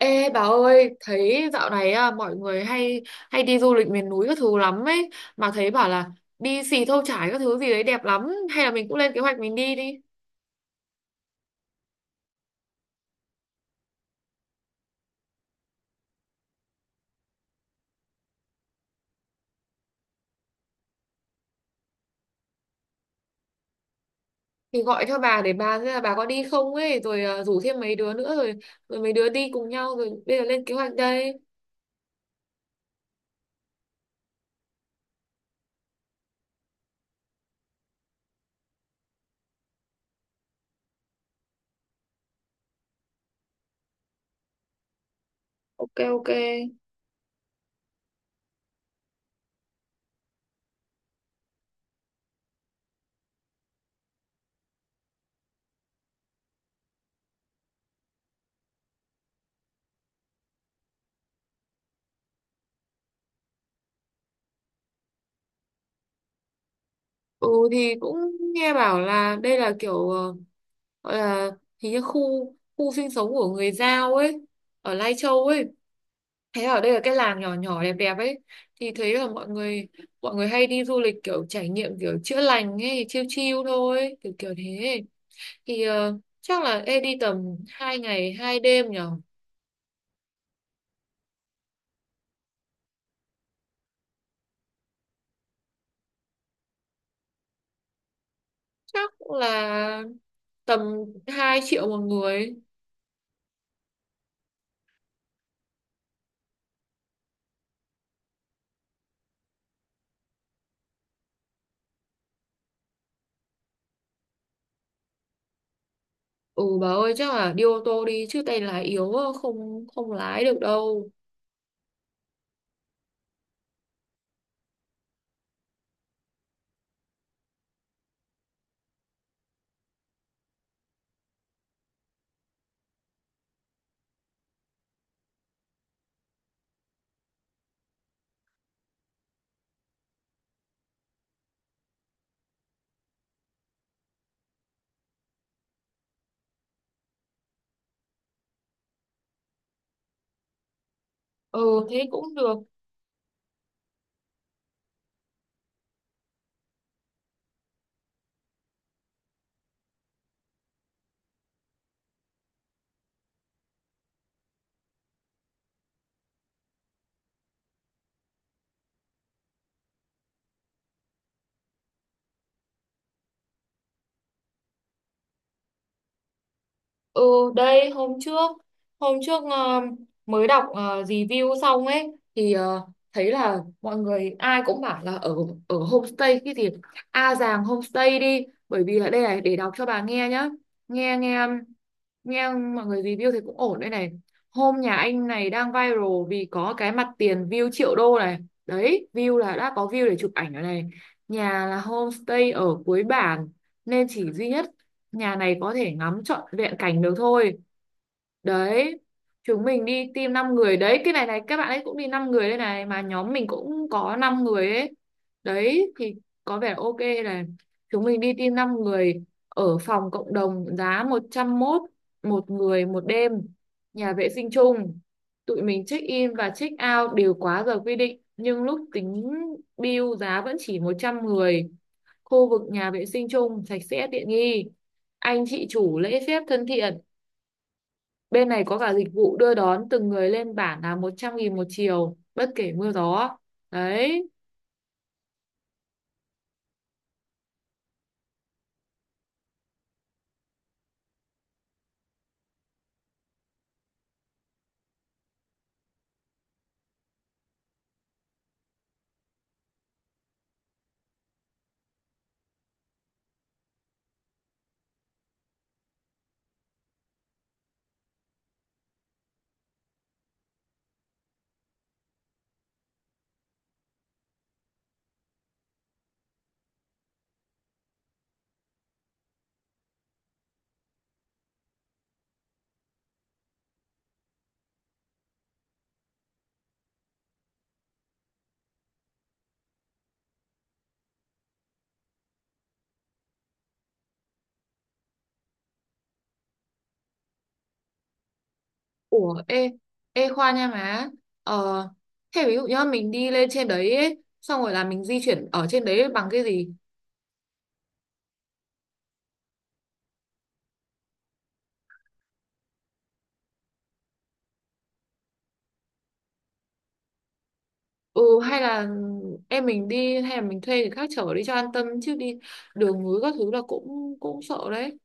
Ê bà ơi, thấy dạo này à, mọi người hay hay đi du lịch miền núi các thứ lắm ấy, mà thấy bảo là đi Xì Thâu Chải các thứ gì đấy đẹp lắm, hay là mình cũng lên kế hoạch mình đi đi. Thì gọi cho bà để bà xem là bà có đi không ấy, rồi à, rủ thêm mấy đứa nữa rồi rồi mấy đứa đi cùng nhau rồi bây giờ lên kế hoạch đây. Ok, ok. Ừ thì cũng nghe bảo là đây là kiểu gọi là hình như khu khu sinh sống của người Dao ấy, ở Lai Châu ấy. Thế ở đây là cái làng nhỏ nhỏ đẹp đẹp ấy, thì thấy là mọi người hay đi du lịch kiểu trải nghiệm kiểu chữa lành ấy, chiêu chiêu thôi kiểu kiểu thế thì chắc là ê đi tầm hai ngày hai đêm nhở. Chắc là tầm 2 triệu một người. Ừ bà ơi chắc là đi ô tô đi chứ tay lái yếu á, không không lái được đâu. Ừ thế cũng được. Ừ, đây hôm trước hôm trước ờ, mới đọc review xong ấy thì thấy là mọi người ai cũng bảo là ở ở homestay cái gì A Giàng homestay đi, bởi vì là đây này, để đọc cho bà nghe nhá. Nghe, nghe, nghe mọi người review thì cũng ổn đây này. Hôm nhà anh này đang viral vì có cái mặt tiền view triệu đô này. Đấy, view là đã có view để chụp ảnh rồi này. Nhà là homestay ở cuối bản nên chỉ duy nhất nhà này có thể ngắm trọn vẹn cảnh được thôi. Đấy, chúng mình đi team 5 người đấy, cái này này các bạn ấy cũng đi 5 người đây này, mà nhóm mình cũng có 5 người ấy. Đấy thì có vẻ ok này. Chúng mình đi team 5 người ở phòng cộng đồng giá một trăm mốt một người một đêm, nhà vệ sinh chung. Tụi mình check in và check out đều quá giờ quy định nhưng lúc tính bill giá vẫn chỉ 110. Khu vực nhà vệ sinh chung sạch sẽ tiện nghi, anh chị chủ lễ phép thân thiện. Bên này có cả dịch vụ đưa đón từng người lên bản là 100 nghìn một chiều, bất kể mưa gió. Đấy. Ủa, ê, ê Khoa nha má. Ờ, thế ví dụ nhá, mình đi lên trên đấy ấy, xong rồi là mình di chuyển ở trên đấy bằng cái gì? Ừ, hay là em mình đi, hay là mình thuê người khác chở đi cho an tâm, chứ đi đường núi các thứ là cũng cũng sợ đấy.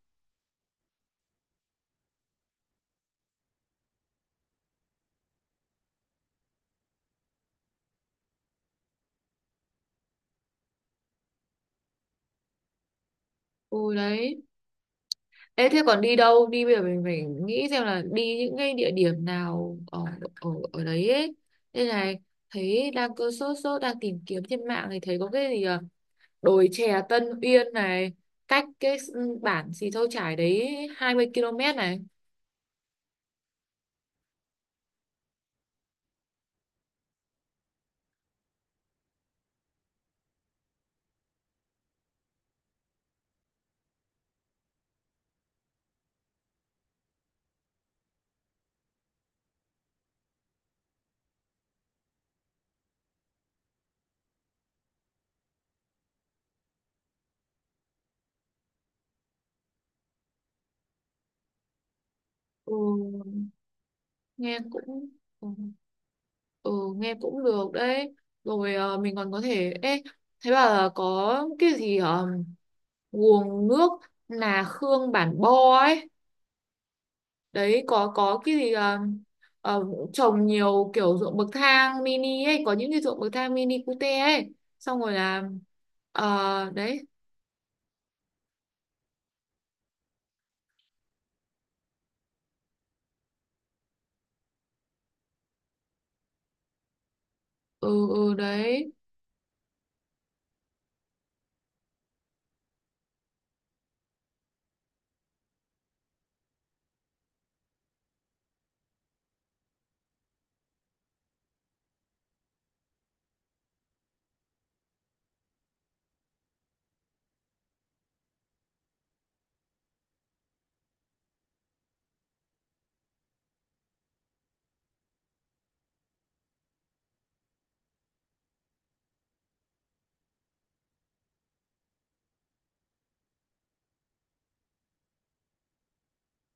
Ừ, đấy. Ê, thế còn đi đâu? Đi bây giờ mình phải nghĩ xem là đi những cái địa điểm nào ở ở, ở đấy ấy. Đây này, thấy đang cứ sốt sốt đang tìm kiếm trên mạng thì thấy có cái gì à? Đồi chè Tân Uyên này, cách cái bản Xì Thâu Chải đấy 20 km này. Ừ, nghe cũng ừ, ừ, nghe cũng được đấy. Rồi à, mình còn có thể thấy bảo là có cái gì ở nguồn nước Nà Khương Bản Bo ấy, đấy có cái gì ờ, trồng nhiều kiểu ruộng bậc thang mini ấy, có những cái ruộng bậc thang mini cute ấy, xong rồi là đấy. Ừ, ừ đấy.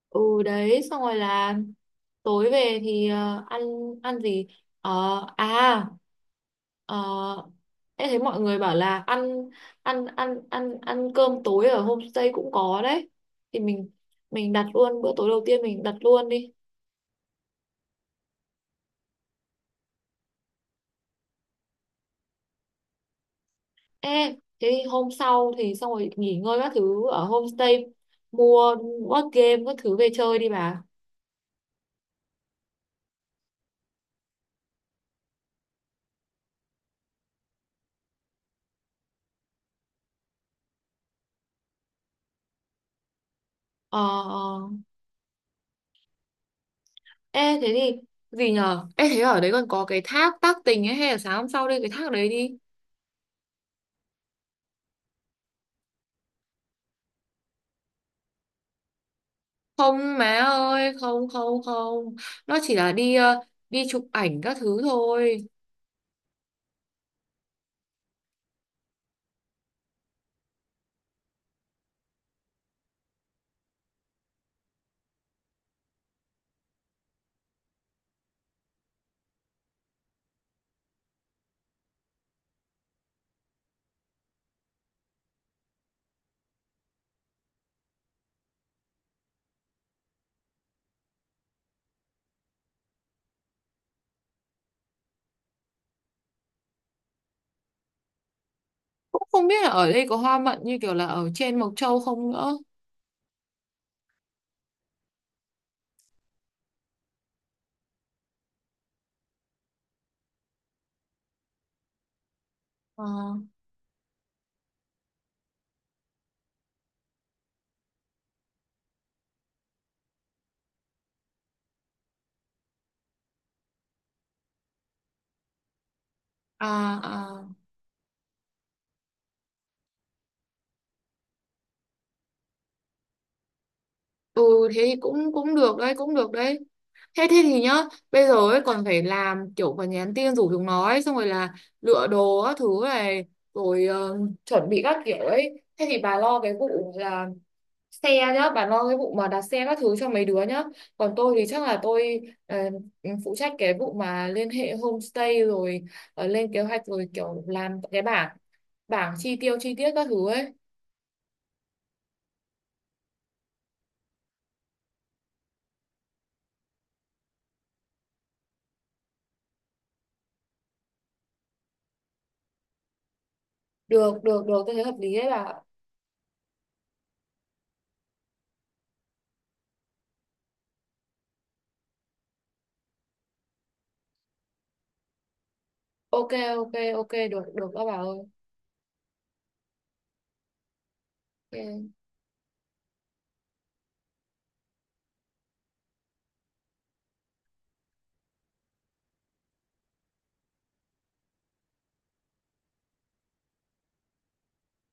Ừ đấy, xong rồi là tối về thì ăn, ăn gì. Ờ, à ờ, em thấy mọi người bảo là ăn ăn ăn ăn ăn cơm tối ở homestay cũng có đấy, thì mình đặt luôn bữa tối đầu tiên, mình đặt luôn đi. Ê, cái hôm sau thì xong rồi nghỉ ngơi các thứ ở homestay, mua board game các thứ về chơi đi bà. Ờ, ờ. Ê thế thì gì nhờ? Ê thế ở đấy còn có cái thác tác tình ấy, hay là sáng hôm sau đi cái thác đấy đi. Không má ơi, không, không, không. Nó chỉ là đi đi chụp ảnh các thứ thôi. Cũng không biết là ở đây có hoa mận như kiểu là ở trên Mộc Châu không nữa. Ờ, à à. Ừ, thế thì cũng cũng được đấy, cũng được đấy. Thế thế thì nhá, bây giờ ấy còn phải làm kiểu, còn nhắn tin rủ chúng nó ấy, xong rồi là lựa đồ các thứ này, rồi chuẩn bị các kiểu ấy. Thế thì bà lo cái vụ là xe nhá, bà lo cái vụ mà đặt xe các thứ cho mấy đứa nhá, còn tôi thì chắc là tôi ờ, phụ trách cái vụ mà liên hệ homestay, rồi lên kế hoạch, rồi kiểu làm cái bảng bảng chi tiêu chi tiết các thứ ấy. Được, được, được, tôi thấy hợp lý đấy bà ạ. Ok, ok, ok, được, được các bà ơi. Ok.